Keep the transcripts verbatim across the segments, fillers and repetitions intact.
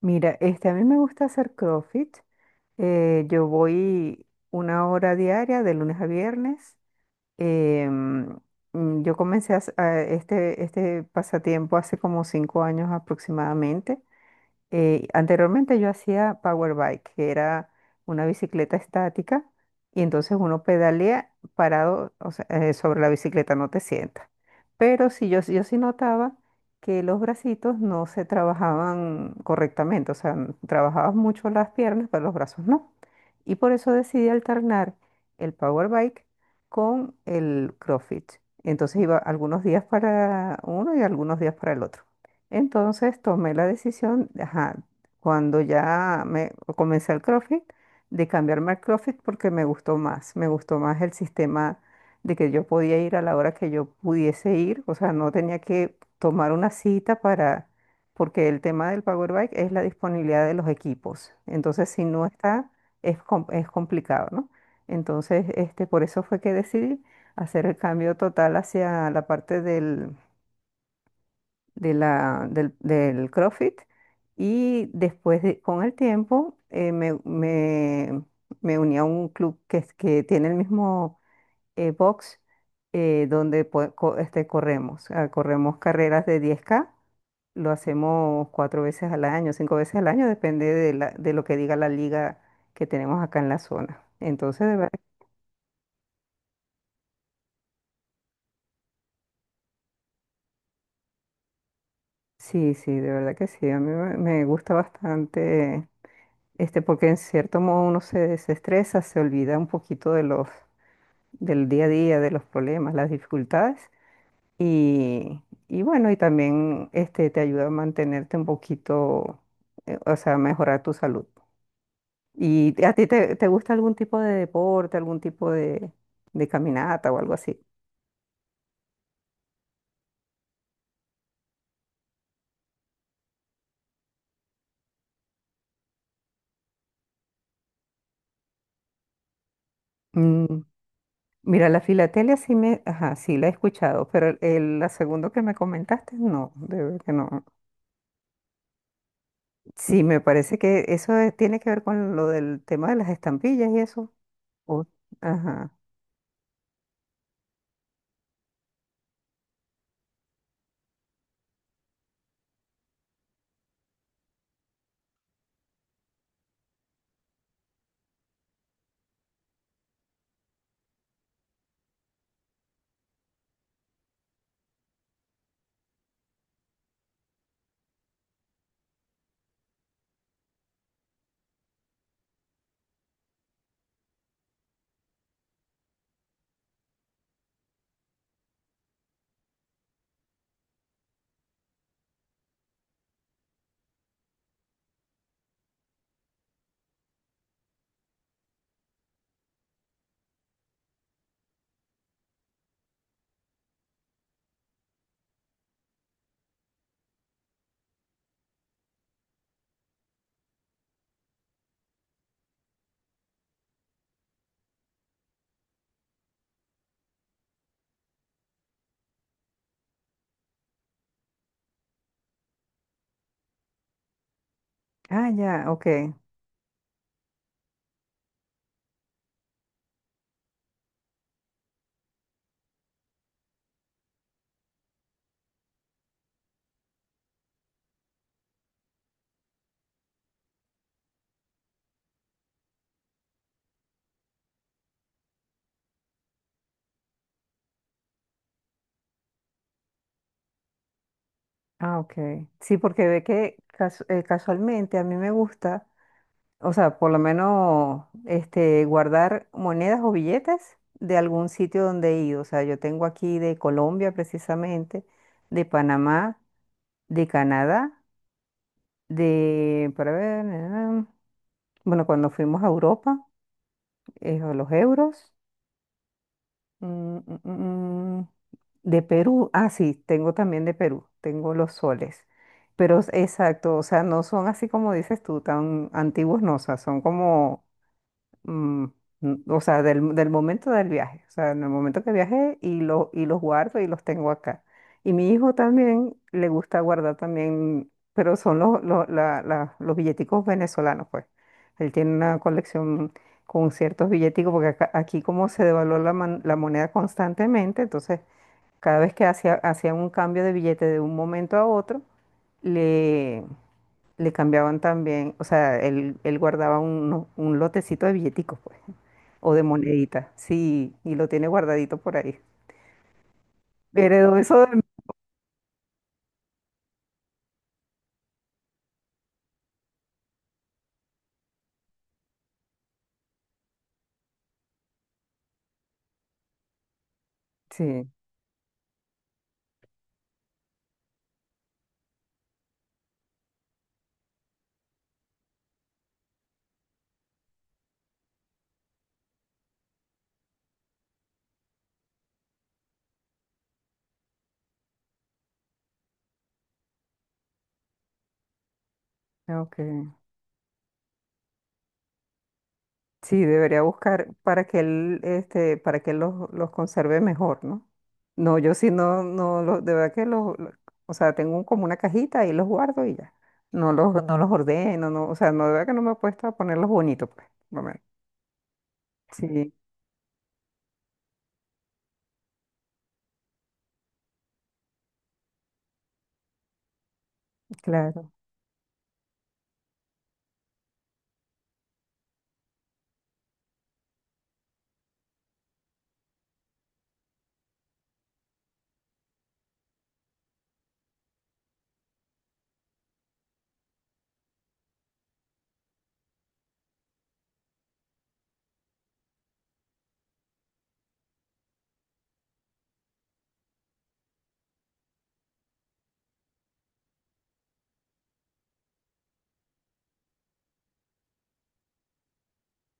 Mira, este, a mí me gusta hacer CrossFit. Eh, yo voy una hora diaria de lunes a viernes. Em, mm, yo comencé a, hac- a este, este pasatiempo hace como cinco años aproximadamente. Eh, anteriormente yo hacía power bike, que era una bicicleta estática, y entonces uno pedalea parado, o sea, eh, sobre la bicicleta, no te sientas. Pero sí, yo, yo sí notaba que los bracitos no se trabajaban correctamente, o sea, n- trabajabas mucho las piernas, pero los brazos no. Y por eso decidí alternar el power bike con el CrossFit. Entonces iba algunos días para uno y algunos días para el otro. Entonces tomé la decisión, ajá, cuando ya me comencé el CrossFit, de cambiarme al CrossFit porque me gustó más, me gustó más el sistema de que yo podía ir a la hora que yo pudiese ir, o sea, no tenía que tomar una cita, para, porque el tema del Power Bike es la disponibilidad de los equipos, entonces si no está, es, com- es complicado, ¿no? Entonces, este, por eso fue que decidí hacer el cambio total hacia la parte de la, del, del CrossFit, y después de- con el tiempo eh, me, me, me uní a un club que, es- que tiene el mismo eh, box, eh, donde po- co- este, corremos, ah, corremos carreras de diez ka. Lo hacemos cuatro veces al año, cinco veces al año, depende de, la, de lo que diga la liga que tenemos acá en la zona. Entonces, de verdad, sí, sí, de verdad que sí, a mí me me gusta bastante, este, porque en cierto modo uno se desestresa, se olvida un poquito de los, del día a día, de los problemas, las dificultades, y, y bueno, y también este, te ayuda a mantenerte un poquito, eh, o sea, a mejorar tu salud. ¿Y a ti te, te gusta algún tipo de deporte, algún tipo de, de caminata o algo así? Mm, Mira, la filatelia sí me, ajá, sí la he escuchado, pero el, la segunda que me comentaste, no, de verdad que no. Sí, me parece que eso es- tiene que ver con lo del tema de las estampillas y eso. O- ajá. Ah, ya, ok. Ah, ok. Sí, porque ve que casu- eh, casualmente a mí me gusta, o sea, por lo menos este, guardar monedas o billetes de algún sitio donde he ido. O sea, yo tengo aquí de Colombia precisamente, de Panamá, de Canadá, de, para ver, eh, bueno, cuando fuimos a Europa, eh, los euros. Mm, mm, mm, mm. De Perú, ah, sí, tengo también de Perú, tengo los soles. Pero s- exacto, o sea, no son así como dices tú, tan antiguos, no, o sea, son como, mm, n- o sea, del, del momento del viaje, o sea, en el momento que viajé y, lo, y los guardo y los tengo acá. Y mi hijo también le gusta guardar también, pero son los, los, la- la- los billeticos venezolanos, pues. Él tiene una colección con ciertos billeticos, porque acá- aquí como se devaluó la, man- la moneda constantemente, entonces cada vez que hacía, hacía un cambio de billete de un momento a otro, le, le cambiaban también, o sea, él, él guardaba un, un lotecito de billeticos, pues, o de monedita. Sí, y lo tiene guardadito por ahí. Heredó eso de... Sí, ok. Sí, debería buscar para que él, este, para que él los, los conserve mejor, ¿no? No, yo sí no, no, los, de verdad que los, lo- o sea, tengo un- como una cajita y los guardo y ya. No los, no los ordeno, no, o sea, no, de verdad que no me he puesto a ponerlos bonitos, pues. No me- Sí, claro.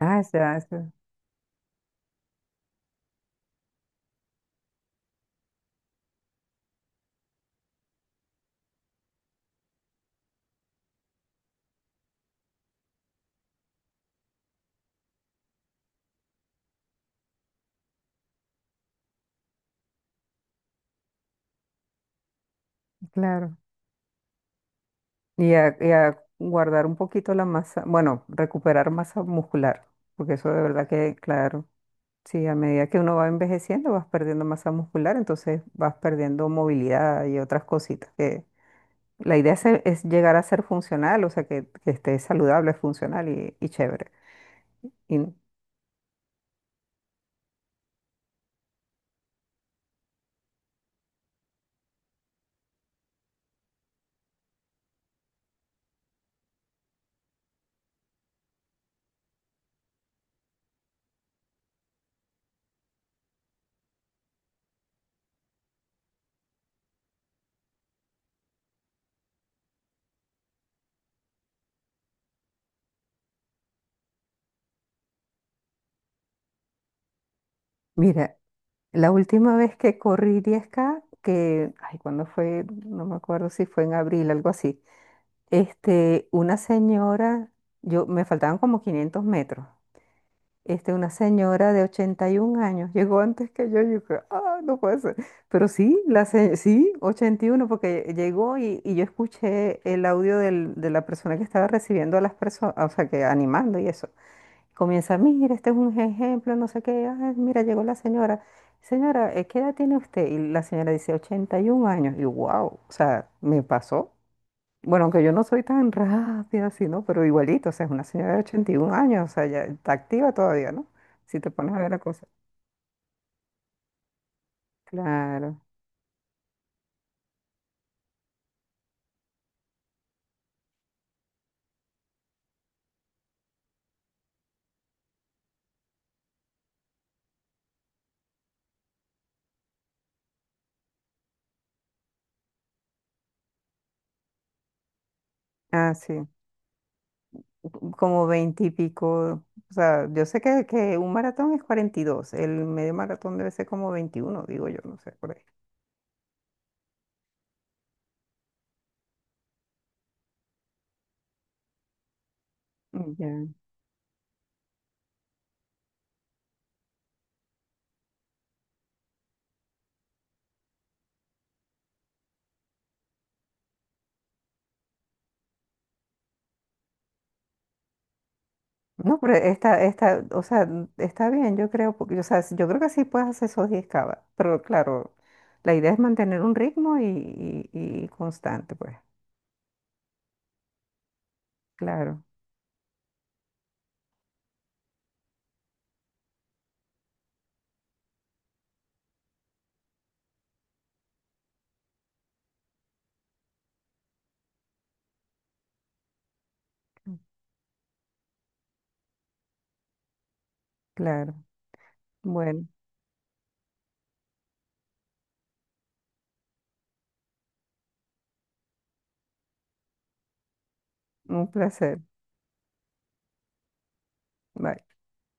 Ah, ya, ya, claro. Y a, y a guardar un poquito la masa, bueno, recuperar masa muscular, porque eso de verdad que, claro, sí, a medida que uno va envejeciendo vas perdiendo masa muscular, entonces vas perdiendo movilidad y otras cositas que la idea es, es llegar a ser funcional, o sea, que, que esté saludable, funcional y, y chévere. Y mira, la última vez que corrí diez ka, que, ay, ¿cuándo fue? No me acuerdo si fue en abril, algo así. Este, una señora, yo, me faltaban como quinientos metros. este, una señora de ochenta y un años llegó antes que yo, yo creo, ah, no puede ser. Pero sí, la se- sí, ochenta y uno, porque llegó, y, y yo escuché el audio del- de la persona que estaba recibiendo a las personas, o sea, que animando y eso. Comienza, mira, este es un ejemplo, no sé qué, ah, mira, llegó la señora. Señora, eh, ¿qué edad tiene usted? Y la señora dice, ochenta y un años. Y wow, o sea, me pasó. Bueno, aunque yo no soy tan rápida así, ¿no? Pero igualito, o sea, es una señora de ochenta y un años, o sea, ya está activa todavía, ¿no? Si te pones a ver la cosa. Claro. Ah, sí. Como veinte y pico. O sea, yo sé que, que un maratón es cuarenta y dos, el medio maratón debe ser como veintiuno, digo yo, no sé, por ahí. Mm, Ya. No, pero está, está, o sea, está bien, yo creo, porque, o sea, yo creo que sí puedes hacer esos diez cava, pero claro, la idea es mantener un ritmo y, y y constante, pues, claro. Claro. Bueno, un placer. Bye.